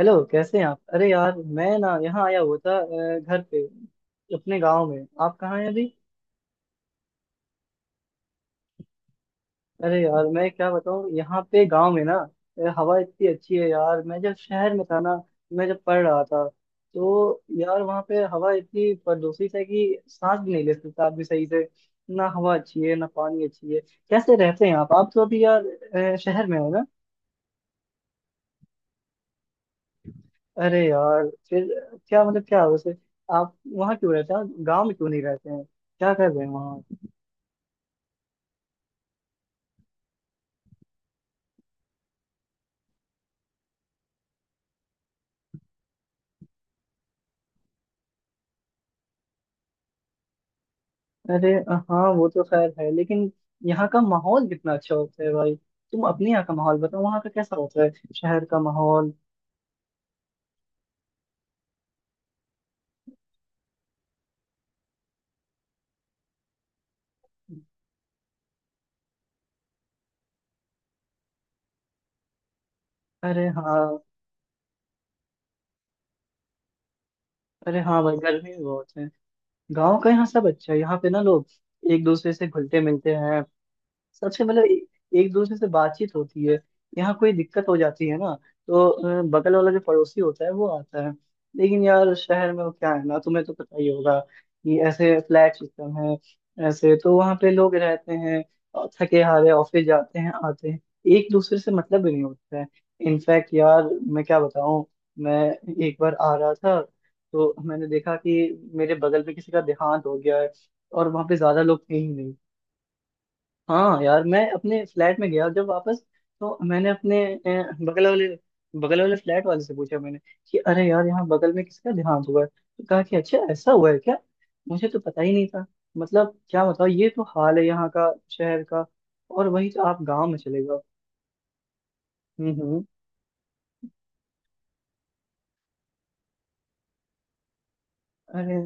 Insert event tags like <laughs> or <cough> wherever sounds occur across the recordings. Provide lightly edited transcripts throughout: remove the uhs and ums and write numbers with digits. Hello, कैसे हैं आप? अरे यार, मैं ना यहाँ आया हुआ था घर पे। अपने गांव में। आप कहाँ हैं अभी? अरे यार, मैं क्या बताऊँ, यहाँ पे गांव में ना। हवा इतनी अच्छी है यार। मैं जब शहर में था ना, मैं जब पढ़ रहा था, तो यार वहाँ पे हवा इतनी प्रदूषित है कि सांस भी नहीं ले सकता आदमी सही से। ना हवा अच्छी है ना पानी अच्छी है। कैसे रहते हैं आप? आप तो अभी यार शहर में हो ना? अरे यार फिर, क्या मतलब, क्या वैसे, आप वहाँ क्यों रहते हैं? गाँव में क्यों नहीं रहते हैं? क्या कर रहे हैं वहाँ? अरे हाँ, वो तो खैर है, लेकिन यहाँ का माहौल कितना अच्छा होता है भाई। तुम अपने यहाँ का माहौल बताओ, वहाँ का कैसा होता है, शहर का माहौल। अरे हाँ। अरे हाँ भाई, गर्मी भी बहुत है। गाँव का यहाँ सब अच्छा है। यहाँ पे ना लोग एक दूसरे से घुलते मिलते हैं। सबसे मतलब एक दूसरे से बातचीत होती है। यहाँ कोई दिक्कत हो जाती है ना, तो बगल वाला जो पड़ोसी होता है वो आता है। लेकिन यार शहर में वो क्या है ना, तुम्हें तो पता ही होगा कि ऐसे फ्लैट सिस्टम है। ऐसे तो वहाँ पे लोग रहते हैं और थके हारे ऑफिस जाते हैं आते हैं। एक दूसरे से मतलब भी नहीं होता है। इनफैक्ट यार, मैं क्या बताऊँ। मैं एक बार आ रहा था, तो मैंने देखा कि मेरे बगल में किसी का देहांत हो गया है, और वहाँ पे ज्यादा लोग थे ही नहीं। हाँ यार, मैं अपने फ्लैट में गया जब वापस, तो मैंने अपने बगल वाले फ्लैट वाले से पूछा, मैंने कि अरे यार यहाँ बगल में किसका देहांत हुआ है, तो कहा कि अच्छा, ऐसा हुआ है क्या, मुझे तो पता ही नहीं था। मतलब क्या बताओ, ये तो हाल है यहाँ का शहर का। और वही तो आप गाँव में चले गए। हम्म, हम्म। अरे।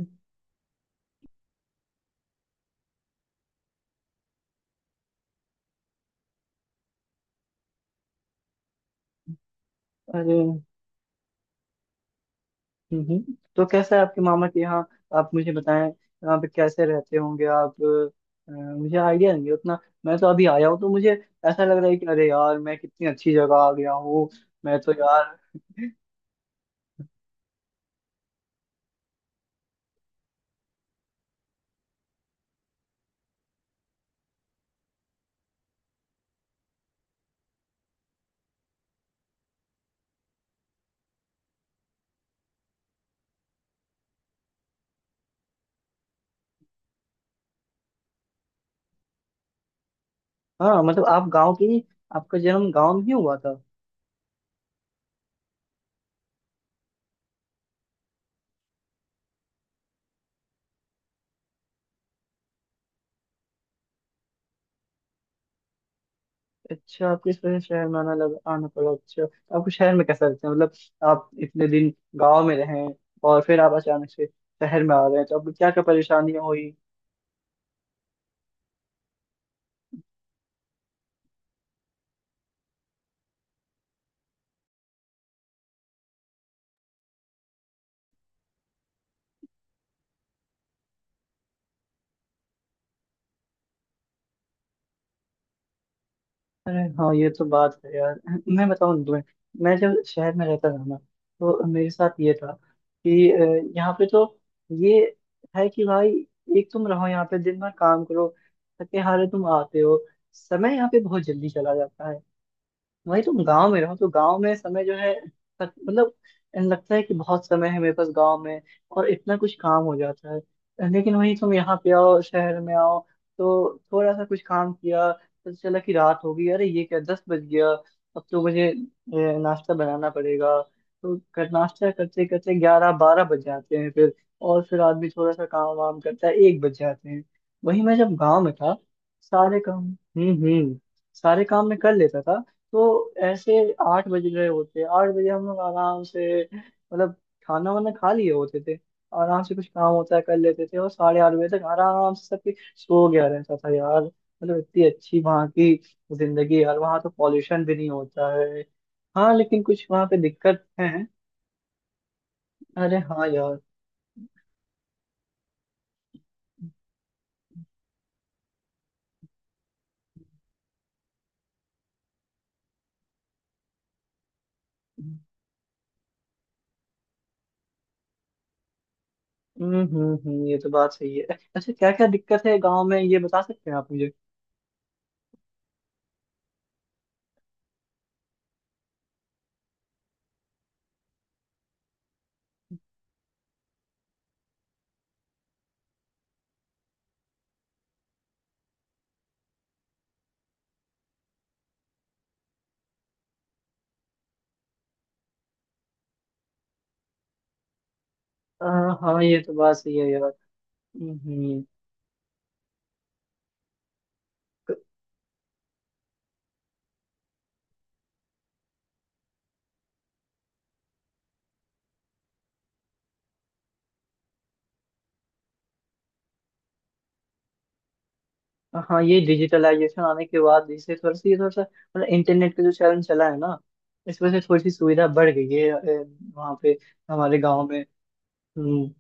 अरे। तो कैसा है आपके मामा के यहाँ? आप मुझे बताएं, यहाँ पे कैसे रहते होंगे आप। मुझे आइडिया नहीं है उतना। मैं तो अभी आया हूँ, तो मुझे ऐसा लग रहा है कि अरे यार, मैं कितनी अच्छी जगह आ गया हूँ। मैं तो यार। हाँ मतलब, आप गांव के ही, आपका जन्म गांव में ही हुआ था? अच्छा, आपको इस वजह से शहर में आना पड़ा। अच्छा, तो आपको शहर में कैसा लगता है, मतलब आप इतने दिन गाँव में रहे और फिर आप अचानक से शहर में आ रहे हैं, तो आपको क्या क्या परेशानियां हुई? अरे हाँ, ये तो बात है यार। मैं बताऊँ ना तुम्हें, मैं जब शहर में रहता था ना, तो मेरे साथ ये था कि यहाँ पे तो ये है कि भाई, एक तुम रहो यहाँ पे दिन भर, काम करो, थके हारे तुम आते हो, समय यहाँ पे बहुत जल्दी चला जाता है। वही तुम गांव में रहो, तो गांव में समय जो है, मतलब, लगता है कि बहुत समय है मेरे पास गांव में, और इतना कुछ काम हो जाता है। लेकिन वही तुम यहाँ पे आओ, शहर में आओ, तो थोड़ा सा कुछ काम किया, पता चला कि रात हो गई, अरे ये क्या, 10 बज गया, अब तो मुझे नाश्ता बनाना पड़ेगा। तो नाश्ता करते करते 11 12 बज जाते हैं फिर। और फिर आदमी थोड़ा सा काम वाम करता है, 1 बज जाते हैं। वही मैं जब गांव में था, सारे काम, हम्म, हम्म, सारे काम मैं कर लेता था। तो ऐसे 8 बज रहे होते, 8 बजे हम लोग आराम से, मतलब खाना वाना खा लिए होते थे। आराम से कुछ काम होता है कर लेते थे, और 8:30 बजे तक आराम से सब कुछ सो गया रहता था यार। मतलब इतनी अच्छी वहाँ की जिंदगी यार। वहाँ तो पॉल्यूशन भी नहीं होता है। हाँ, लेकिन कुछ वहाँ पे दिक्कत है। अरे हाँ यार। हम्म, हम्म, ये तो बात सही है। अच्छा, क्या क्या दिक्कत है गाँव में, ये बता सकते हैं आप मुझे? हाँ हाँ, ये तो बात सही है यार। हम्म, हाँ, ये डिजिटलाइजेशन आने के बाद इससे थोड़ा सा, ये थोड़ा सा मतलब इंटरनेट का जो चलन चला है ना, इस वजह से थोड़ी सी सुविधा बढ़ गई है वहाँ पे, हमारे गांव में। हम्म,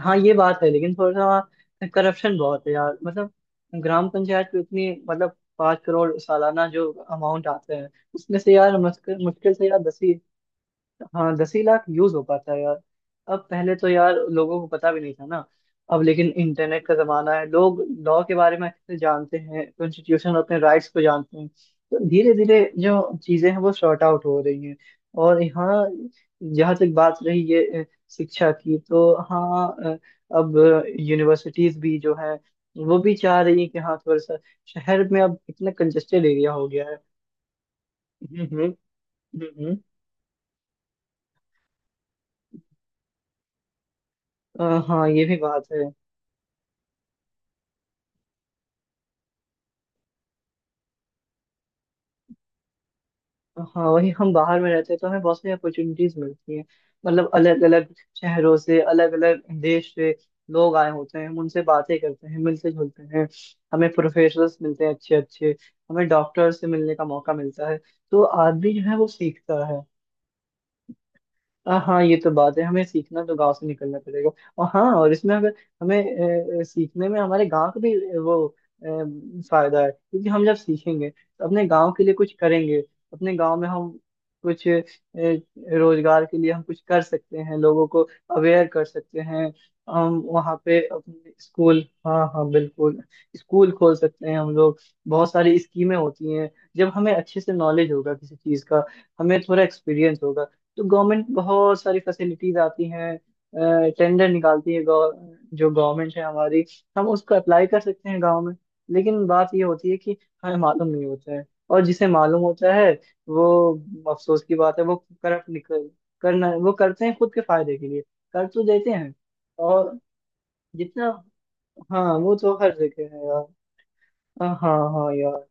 हाँ ये बात है। लेकिन थोड़ा सा वहाँ करप्शन बहुत है यार, मतलब ग्राम पंचायत में उतनी, मतलब 5 करोड़ सालाना जो अमाउंट आते हैं, उसमें से यार मुश्किल मुश्किल से यार 10, हाँ, 10 ही लाख यूज हो पाता है यार। अब पहले तो यार लोगों को पता भी नहीं था ना। अब लेकिन इंटरनेट का जमाना है, लोग लॉ के बारे में अच्छे से जानते हैं, कॉन्स्टिट्यूशन, अपने राइट्स को जानते हैं, तो धीरे धीरे जो चीजें हैं वो सॉर्ट आउट हो रही हैं। और यहाँ, जहाँ तक बात रही ये शिक्षा की, तो हाँ अब यूनिवर्सिटीज भी जो है, वो भी चाह रही है कि हाँ, थोड़ा सा शहर में अब इतना कंजेस्टेड एरिया हो गया है। हम्म, हम्म। हम्म, हाँ, ये भी बात है। हाँ, वही हम बाहर में रहते हैं तो हमें बहुत सारी अपॉर्चुनिटीज मिलती हैं। मतलब अलग अलग शहरों से, अलग अलग देश से लोग आए होते हैं, हम उनसे बातें करते हैं, मिलते जुलते हैं। हमें प्रोफेसर्स मिलते हैं अच्छे अच्छे। हमें डॉक्टर्स से मिलने का मौका मिलता है। तो आदमी जो है, वो सीखता है। हाँ, ये तो बात है, हमें सीखना तो गांव से निकलना पड़ेगा। और हाँ, और इसमें अगर हमें सीखने में हमारे गांव का भी वो फायदा है, क्योंकि हम जब सीखेंगे तो अपने गांव के लिए कुछ करेंगे। अपने गांव में हम कुछ रोजगार के लिए हम कुछ कर सकते हैं, लोगों को अवेयर कर सकते हैं। हम वहाँ पे अपने स्कूल, हाँ हाँ बिल्कुल, स्कूल खोल सकते हैं हम लोग। बहुत सारी स्कीमें होती हैं। जब हमें अच्छे से नॉलेज होगा किसी चीज़ का, हमें थोड़ा एक्सपीरियंस होगा, तो गवर्नमेंट बहुत सारी फैसिलिटीज आती हैं, टेंडर निकालती है, जो गवर्नमेंट है हमारी, हम उसको अप्लाई कर सकते हैं गांव में। लेकिन बात ये होती है कि हमें मालूम नहीं होता है, और जिसे मालूम होता है, वो, अफसोस की बात है, वो करप्ट निकल, करना वो करते हैं खुद के फायदे के लिए, कर तो देते हैं। और जितना, हाँ, वो तो हर जगह है यार। हाँ हाँ यार।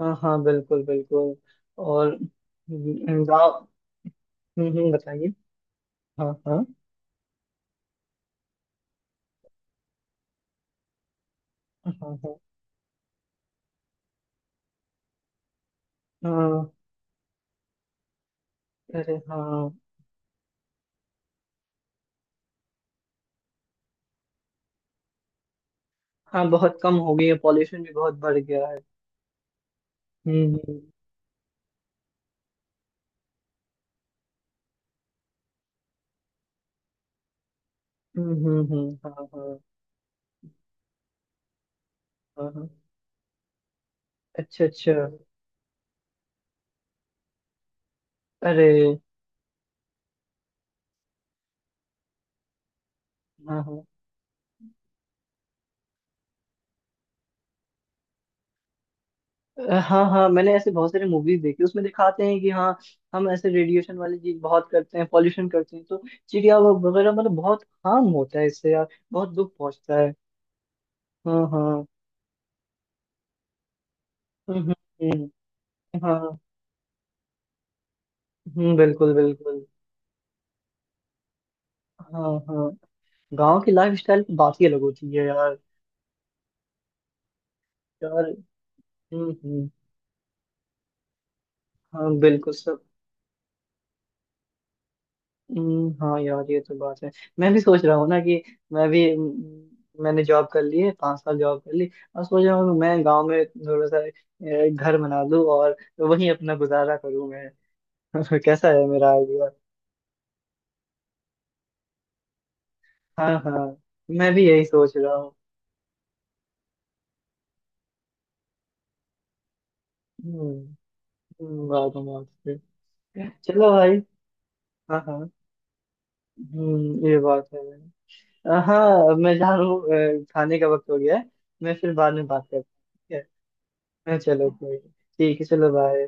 हाँ बिल्कुल बिल्कुल। और गाँव, हम्म, बताइए। हाँ हाँ। हाँ हाँ। हाँ। अरे हाँ। हाँ, बहुत कम हो गई है, पॉल्यूशन भी बहुत बढ़ गया है। हम्म। हम्म, हम्म, हाँ हाँ। हाँ हाँ। अच्छा अच्छा। अरे। हाँ हाँ। हाँ हाँ, मैंने ऐसे बहुत सारे मूवीज देखी। उसमें दिखाते हैं कि हाँ, हम ऐसे रेडिएशन वाली चीज बहुत करते हैं, पॉल्यूशन करते हैं, तो चिड़िया वगैरह, मतलब बहुत हार्म होता है इससे यार। बहुत दुख पहुंचता है। हाँ हाँ। हम्म, हम्म, हाँ। हम्म, बिल्कुल बिल्कुल। हाँ हाँ। गांव की लाइफ स्टाइल की बात ही अलग होती है यार। यार। हम्म, हम्म। हाँ बिल्कुल सब। हाँ यार, ये तो बात है। मैं भी सोच रहा हूँ ना कि मैं भी, मैंने जॉब कर ली है, 5 साल जॉब कर ली, और सोच रहा हूँ कि मैं गांव में थोड़ा सा घर बना लूँ और वहीं अपना गुजारा करूँ मैं। <laughs> कैसा है मेरा आइडिया? हाँ हाँ। मैं भी यही सोच रहा हूँ। हम्म, बात है, बात है। चलो भाई। हाँ हाँ। ये बात है। हाँ, मैं जा रहा हूँ। खाने का वक्त हो गया है। मैं फिर बाद में बात करता हूँ, ठीक है? हाँ, चलो कोई नहीं। ठीक है, चलो, बाय।